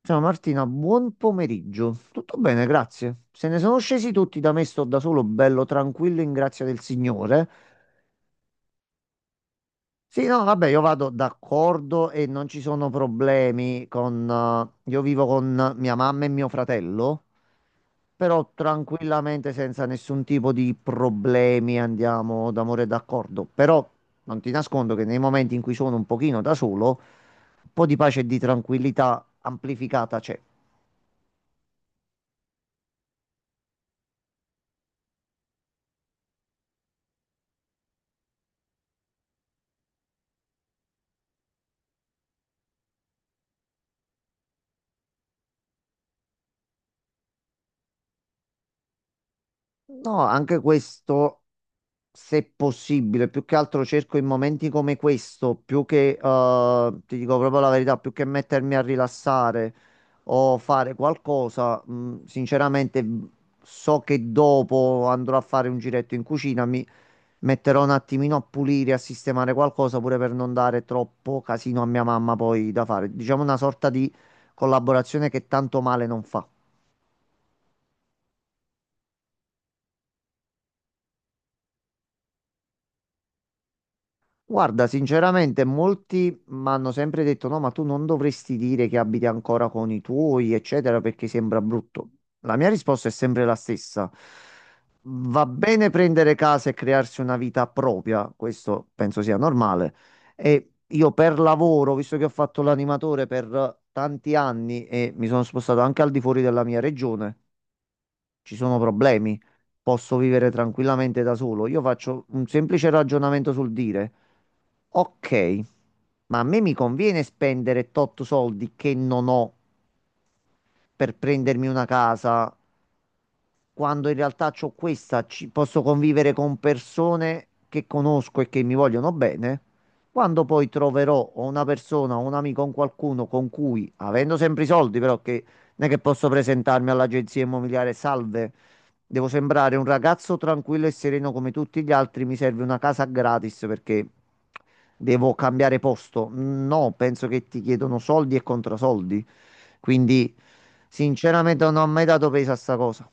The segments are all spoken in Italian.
Ciao Martina, buon pomeriggio. Tutto bene, grazie. Se ne sono scesi tutti da me, sto da solo, bello tranquillo, in grazia del Signore. Sì, no, vabbè, io vado d'accordo e non ci sono problemi io vivo con mia mamma e mio fratello, però tranquillamente, senza nessun tipo di problemi, andiamo d'amore e d'accordo. Però non ti nascondo che nei momenti in cui sono un pochino da solo, un po' di pace e di tranquillità amplificata c'è. No, anche questo, se possibile, più che altro cerco in momenti come questo, più che, ti dico proprio la verità, più che mettermi a rilassare o fare qualcosa, sinceramente so che dopo andrò a fare un giretto in cucina, mi metterò un attimino a pulire, a sistemare qualcosa, pure per non dare troppo casino a mia mamma poi da fare. Diciamo una sorta di collaborazione che tanto male non fa. Guarda, sinceramente molti mi hanno sempre detto no, ma tu non dovresti dire che abiti ancora con i tuoi, eccetera, perché sembra brutto. La mia risposta è sempre la stessa. Va bene prendere casa e crearsi una vita propria, questo penso sia normale. E io per lavoro, visto che ho fatto l'animatore per tanti anni e mi sono spostato anche al di fuori della mia regione, ci sono problemi, posso vivere tranquillamente da solo. Io faccio un semplice ragionamento sul dire, ok, ma a me mi conviene spendere tot soldi che non ho per prendermi una casa quando in realtà c'ho questa, ci posso convivere con persone che conosco e che mi vogliono bene. Quando poi troverò o una persona, o un amico, o un qualcuno con cui, avendo sempre i soldi, però che non è che posso presentarmi all'agenzia immobiliare, salve, devo sembrare un ragazzo tranquillo e sereno come tutti gli altri, mi serve una casa gratis perché devo cambiare posto. No, penso che ti chiedono soldi e contrasoldi. Quindi, sinceramente, non ho mai dato peso a sta cosa.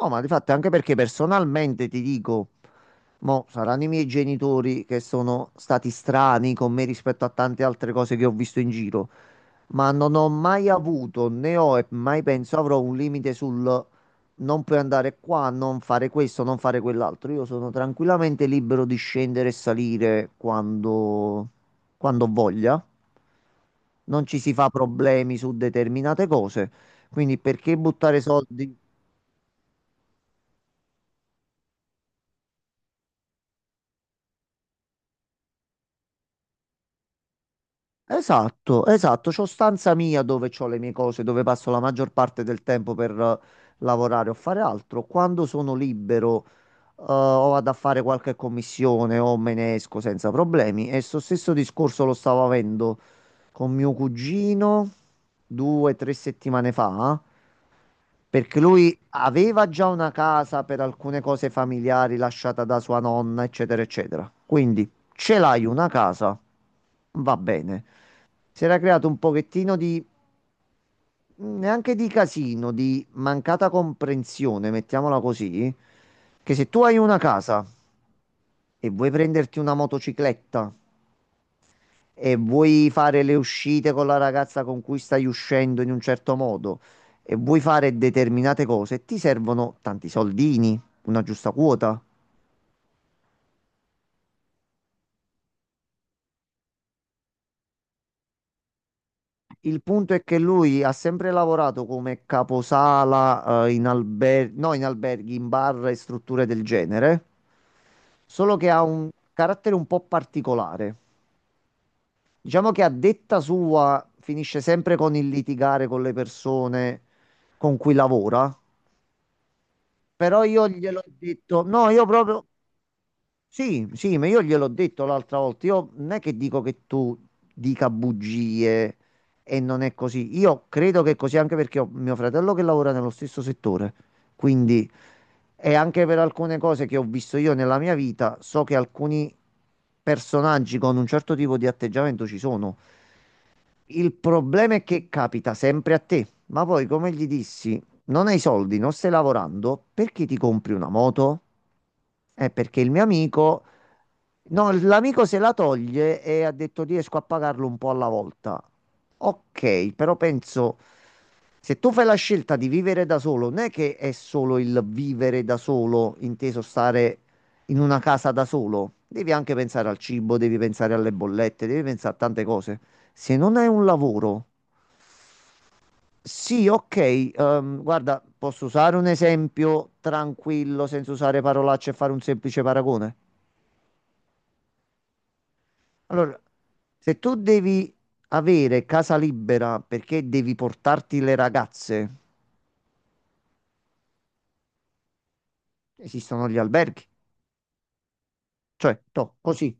No, ma di fatto anche perché personalmente ti dico, mo saranno i miei genitori che sono stati strani con me rispetto a tante altre cose che ho visto in giro, ma non ho mai avuto, né ho e mai penso avrò un limite sul non puoi andare qua, non fare questo, non fare quell'altro. Io sono tranquillamente libero di scendere e salire quando voglia. Non ci si fa problemi su determinate cose, quindi perché buttare soldi? Esatto, esatto, c'ho stanza mia dove c'ho le mie cose, dove passo la maggior parte del tempo per lavorare o fare altro. Quando sono libero, o vado a fare qualche commissione o me ne esco senza problemi. E sto stesso discorso lo stavo avendo con mio cugino due o tre settimane fa, perché lui aveva già una casa per alcune cose familiari lasciata da sua nonna, eccetera, eccetera. Quindi ce l'hai una casa, va bene si era creato un pochettino di, neanche di casino, di mancata comprensione, mettiamola così, che se tu hai una casa e vuoi prenderti una motocicletta e vuoi fare le uscite con la ragazza con cui stai uscendo in un certo modo e vuoi fare determinate cose, ti servono tanti soldini, una giusta quota. Il punto è che lui ha sempre lavorato come caposala, no, in alberghi, in bar e strutture del genere, solo che ha un carattere un po' particolare. Diciamo che a detta sua finisce sempre con il litigare con le persone con cui lavora, però io gliel'ho detto, no, io proprio sì, sì, ma io gliel'ho detto l'altra volta. Io non è che dico che tu dica bugie e non è così. Io credo che è così anche perché ho mio fratello che lavora nello stesso settore. Quindi, e anche per alcune cose che ho visto io nella mia vita, so che alcuni personaggi con un certo tipo di atteggiamento ci sono. Il problema è che capita sempre a te. Ma poi, come gli dissi, non hai soldi, non stai lavorando, perché ti compri una moto? Perché il mio amico, no, l'amico se la toglie e ha detto riesco a pagarlo un po' alla volta. Ok, però penso, se tu fai la scelta di vivere da solo, non è che è solo il vivere da solo, inteso stare in una casa da solo. Devi anche pensare al cibo, devi pensare alle bollette, devi pensare a tante cose. Se non hai un lavoro, sì, ok, guarda, posso usare un esempio tranquillo, senza usare parolacce e fare un semplice paragone. Allora, se tu devi avere casa libera perché devi portarti le ragazze, esistono gli alberghi. Cioè, to, così.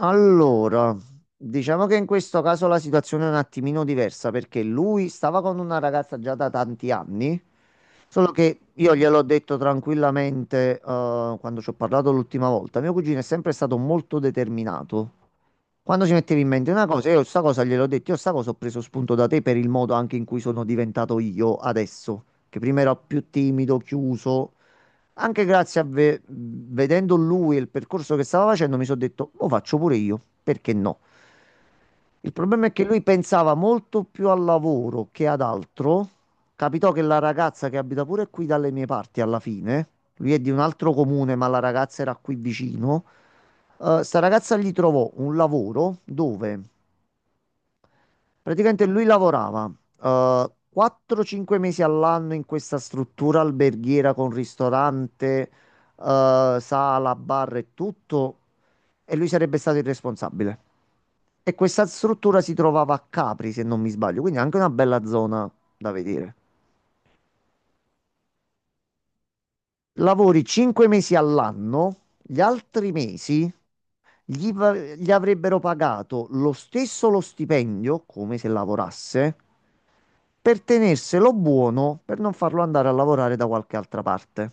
Allora, diciamo che in questo caso la situazione è un attimino diversa perché lui stava con una ragazza già da tanti anni, solo che io gliel'ho detto tranquillamente, quando ci ho parlato l'ultima volta. Mio cugino è sempre stato molto determinato. Quando si metteva in mente una cosa, io sta cosa gliel'ho detto, io sta cosa ho preso spunto da te per il modo anche in cui sono diventato io adesso, che prima ero più timido, chiuso. Anche grazie a vedendo lui e il percorso che stava facendo, mi sono detto, lo faccio pure io, perché no? Il problema è che lui pensava molto più al lavoro che ad altro. Capitò che la ragazza che abita pure qui dalle mie parti alla fine, lui è di un altro comune, ma la ragazza era qui vicino. Sta ragazza gli trovò un lavoro dove praticamente lui lavorava 4-5 mesi all'anno in questa struttura alberghiera con ristorante, sala, bar e tutto, e lui sarebbe stato il responsabile. E questa struttura si trovava a Capri, se non mi sbaglio, quindi anche una bella zona da vedere. Lavori 5 mesi all'anno, gli altri mesi gli avrebbero pagato lo stesso lo stipendio, come se lavorasse, per tenerselo buono, per non farlo andare a lavorare da qualche altra parte.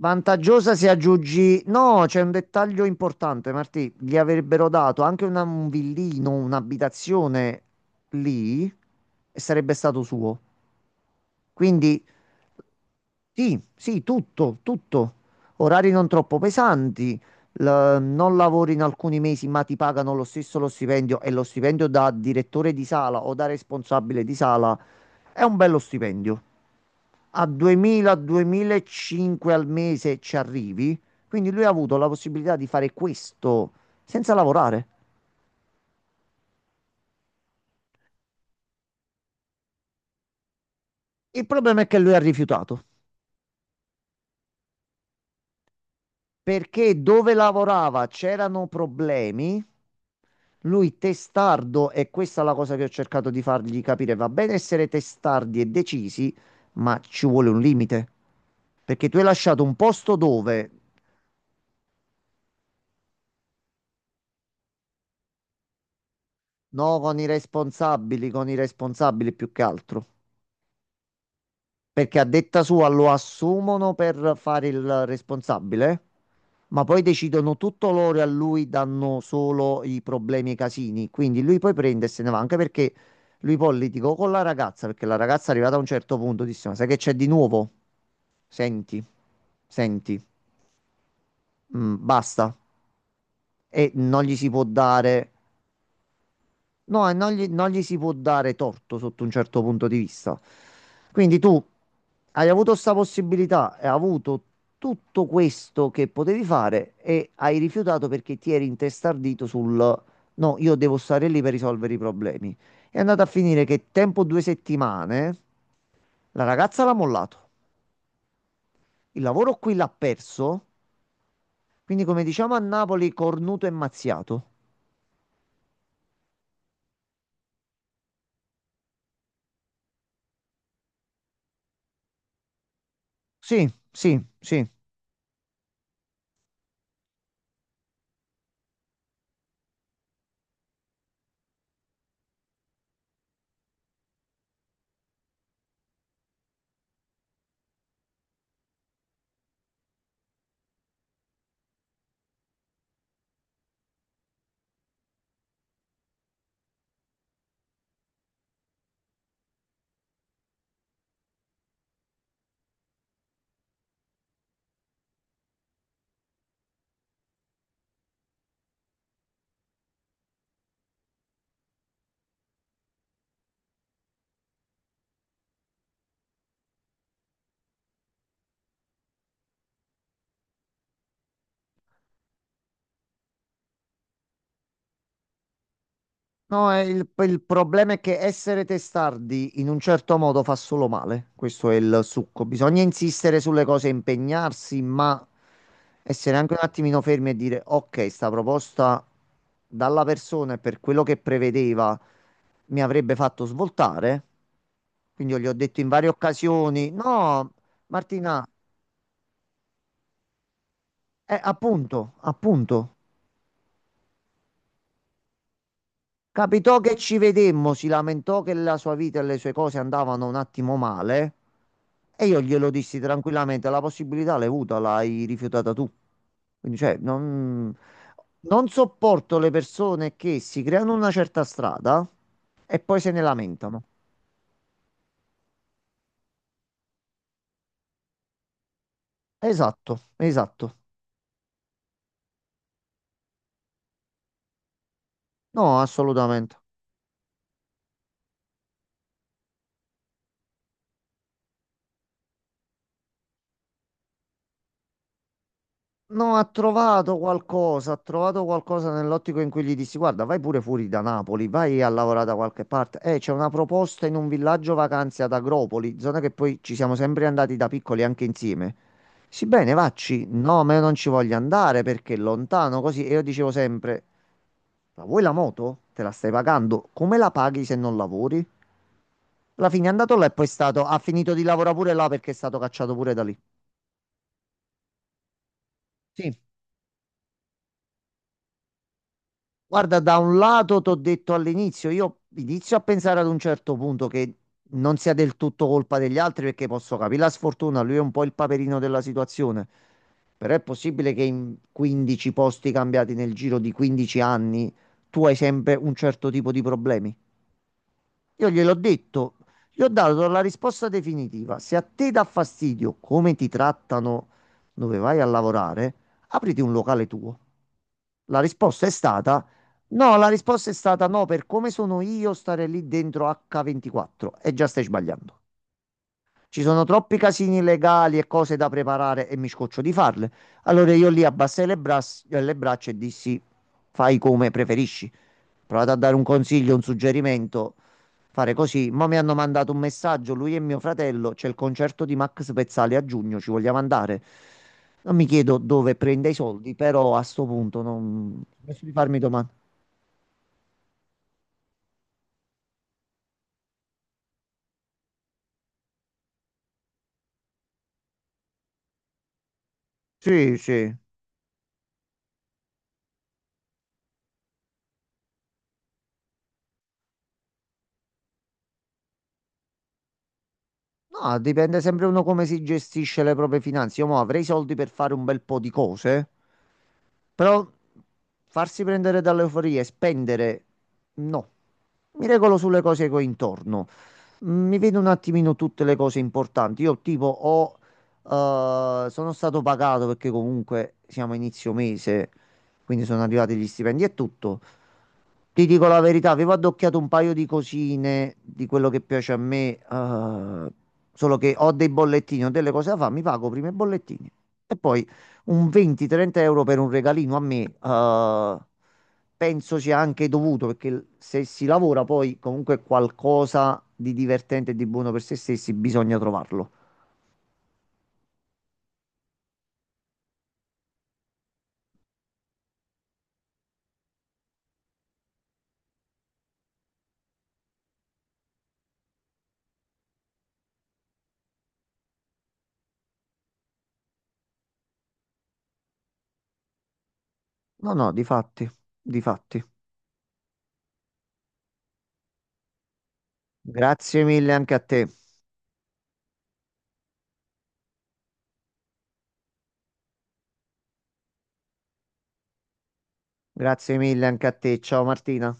Vantaggiosa se aggiungi. No, c'è un dettaglio importante, Martì. Gli avrebbero dato anche un villino, un'abitazione lì e sarebbe stato suo. Quindi sì, sì, tutto, tutto. Orari non troppo pesanti, non lavori in alcuni mesi, ma ti pagano lo stesso lo stipendio e lo stipendio da direttore di sala o da responsabile di sala è un bello stipendio a 2000-2005 al mese ci arrivi. Quindi lui ha avuto la possibilità di fare questo senza lavorare. Il problema è che lui ha rifiutato perché dove lavorava c'erano problemi. Lui testardo, e questa è la cosa che ho cercato di fargli capire, va bene essere testardi e decisi, ma ci vuole un limite. Perché tu hai lasciato un posto dove, no, con i responsabili più che altro. Perché a detta sua lo assumono per fare il responsabile, ma poi decidono tutto loro e a lui danno solo i problemi e i casini. Quindi lui poi prende e se ne va, anche perché lui poi litigò con la ragazza, perché la ragazza arrivata a un certo punto disse, ma sai che c'è di nuovo? Senti, senti, basta. E non gli si può dare no, e non gli si può dare torto sotto un certo punto di vista. Quindi tu hai avuto questa possibilità, hai avuto tutto questo che potevi fare e hai rifiutato perché ti eri intestardito sul no, io devo stare lì per risolvere i problemi. È andato a finire che tempo due settimane la ragazza l'ha mollato, il lavoro qui l'ha perso, quindi come diciamo a Napoli, cornuto e mazziato. Sì, sì, sì. No, è il problema è che essere testardi in un certo modo fa solo male. Questo è il succo. Bisogna insistere sulle cose, impegnarsi, ma essere anche un attimino fermi e dire: ok, sta proposta dalla persona e per quello che prevedeva mi avrebbe fatto svoltare. Quindi io gli ho detto in varie occasioni: no, Martina, appunto, appunto. Capitò che ci vedemmo, si lamentò che la sua vita e le sue cose andavano un attimo male e io glielo dissi tranquillamente, la possibilità l'hai avuta, l'hai rifiutata tu. Quindi, cioè, non sopporto le persone che si creano una certa strada e poi se ne lamentano. Esatto, esatto. No, assolutamente. No, ha trovato qualcosa nell'ottico in cui gli dissi, guarda, vai pure fuori da Napoli, vai a lavorare da qualche parte. C'è una proposta in un villaggio vacanze ad Agropoli, zona che poi ci siamo sempre andati da piccoli anche insieme. Sì, bene, vacci. No, ma io non ci voglio andare perché è lontano, così. E io dicevo sempre, ma vuoi la moto? Te la stai pagando? Come la paghi se non lavori? Alla fine è andato là e poi è stato, ha finito di lavorare pure là perché è stato cacciato pure da lì. Sì. Guarda, da un lato ti ho detto all'inizio, io inizio a pensare ad un certo punto che non sia del tutto colpa degli altri perché posso capire la sfortuna, lui è un po' il paperino della situazione, però è possibile che in 15 posti cambiati nel giro di 15 anni tu hai sempre un certo tipo di problemi. Io gliel'ho detto, gli ho dato la risposta definitiva. Se a te dà fastidio come ti trattano dove vai a lavorare, apriti un locale tuo. La risposta è stata no, la risposta è stata no, per come sono io stare lì dentro H24 e già stai sbagliando. Ci sono troppi casini legali e cose da preparare e mi scoccio di farle. Allora io lì abbassai le, le braccia e dissi fai come preferisci. Provate a dare un consiglio, un suggerimento. Fare così. Ma mi hanno mandato un messaggio, lui e mio fratello, c'è il concerto di Max Pezzali a giugno, ci vogliamo andare. Non mi chiedo dove prende i soldi, però a sto punto non. Posso di farmi domande. Sì, sì. No, dipende sempre uno come si gestisce le proprie finanze. Io mo avrei i soldi per fare un bel po' di cose, però farsi prendere dall'euforia e spendere, no. Mi regolo sulle cose che ho intorno. Mi vedo un attimino tutte le cose importanti. Io tipo ho, sono stato pagato perché comunque siamo a inizio mese, quindi sono arrivati gli stipendi e tutto. Ti dico la verità, avevo addocchiato un paio di cosine di quello che piace a me, solo che ho dei bollettini, ho delle cose da fare, mi pago prima i bollettini e poi un 20-30 euro per un regalino a me, penso sia anche dovuto perché se si lavora poi comunque qualcosa di divertente e di buono per se stessi bisogna trovarlo. No, no, di fatti, di fatti. Grazie mille anche a te. Grazie mille anche a te. Ciao Martina.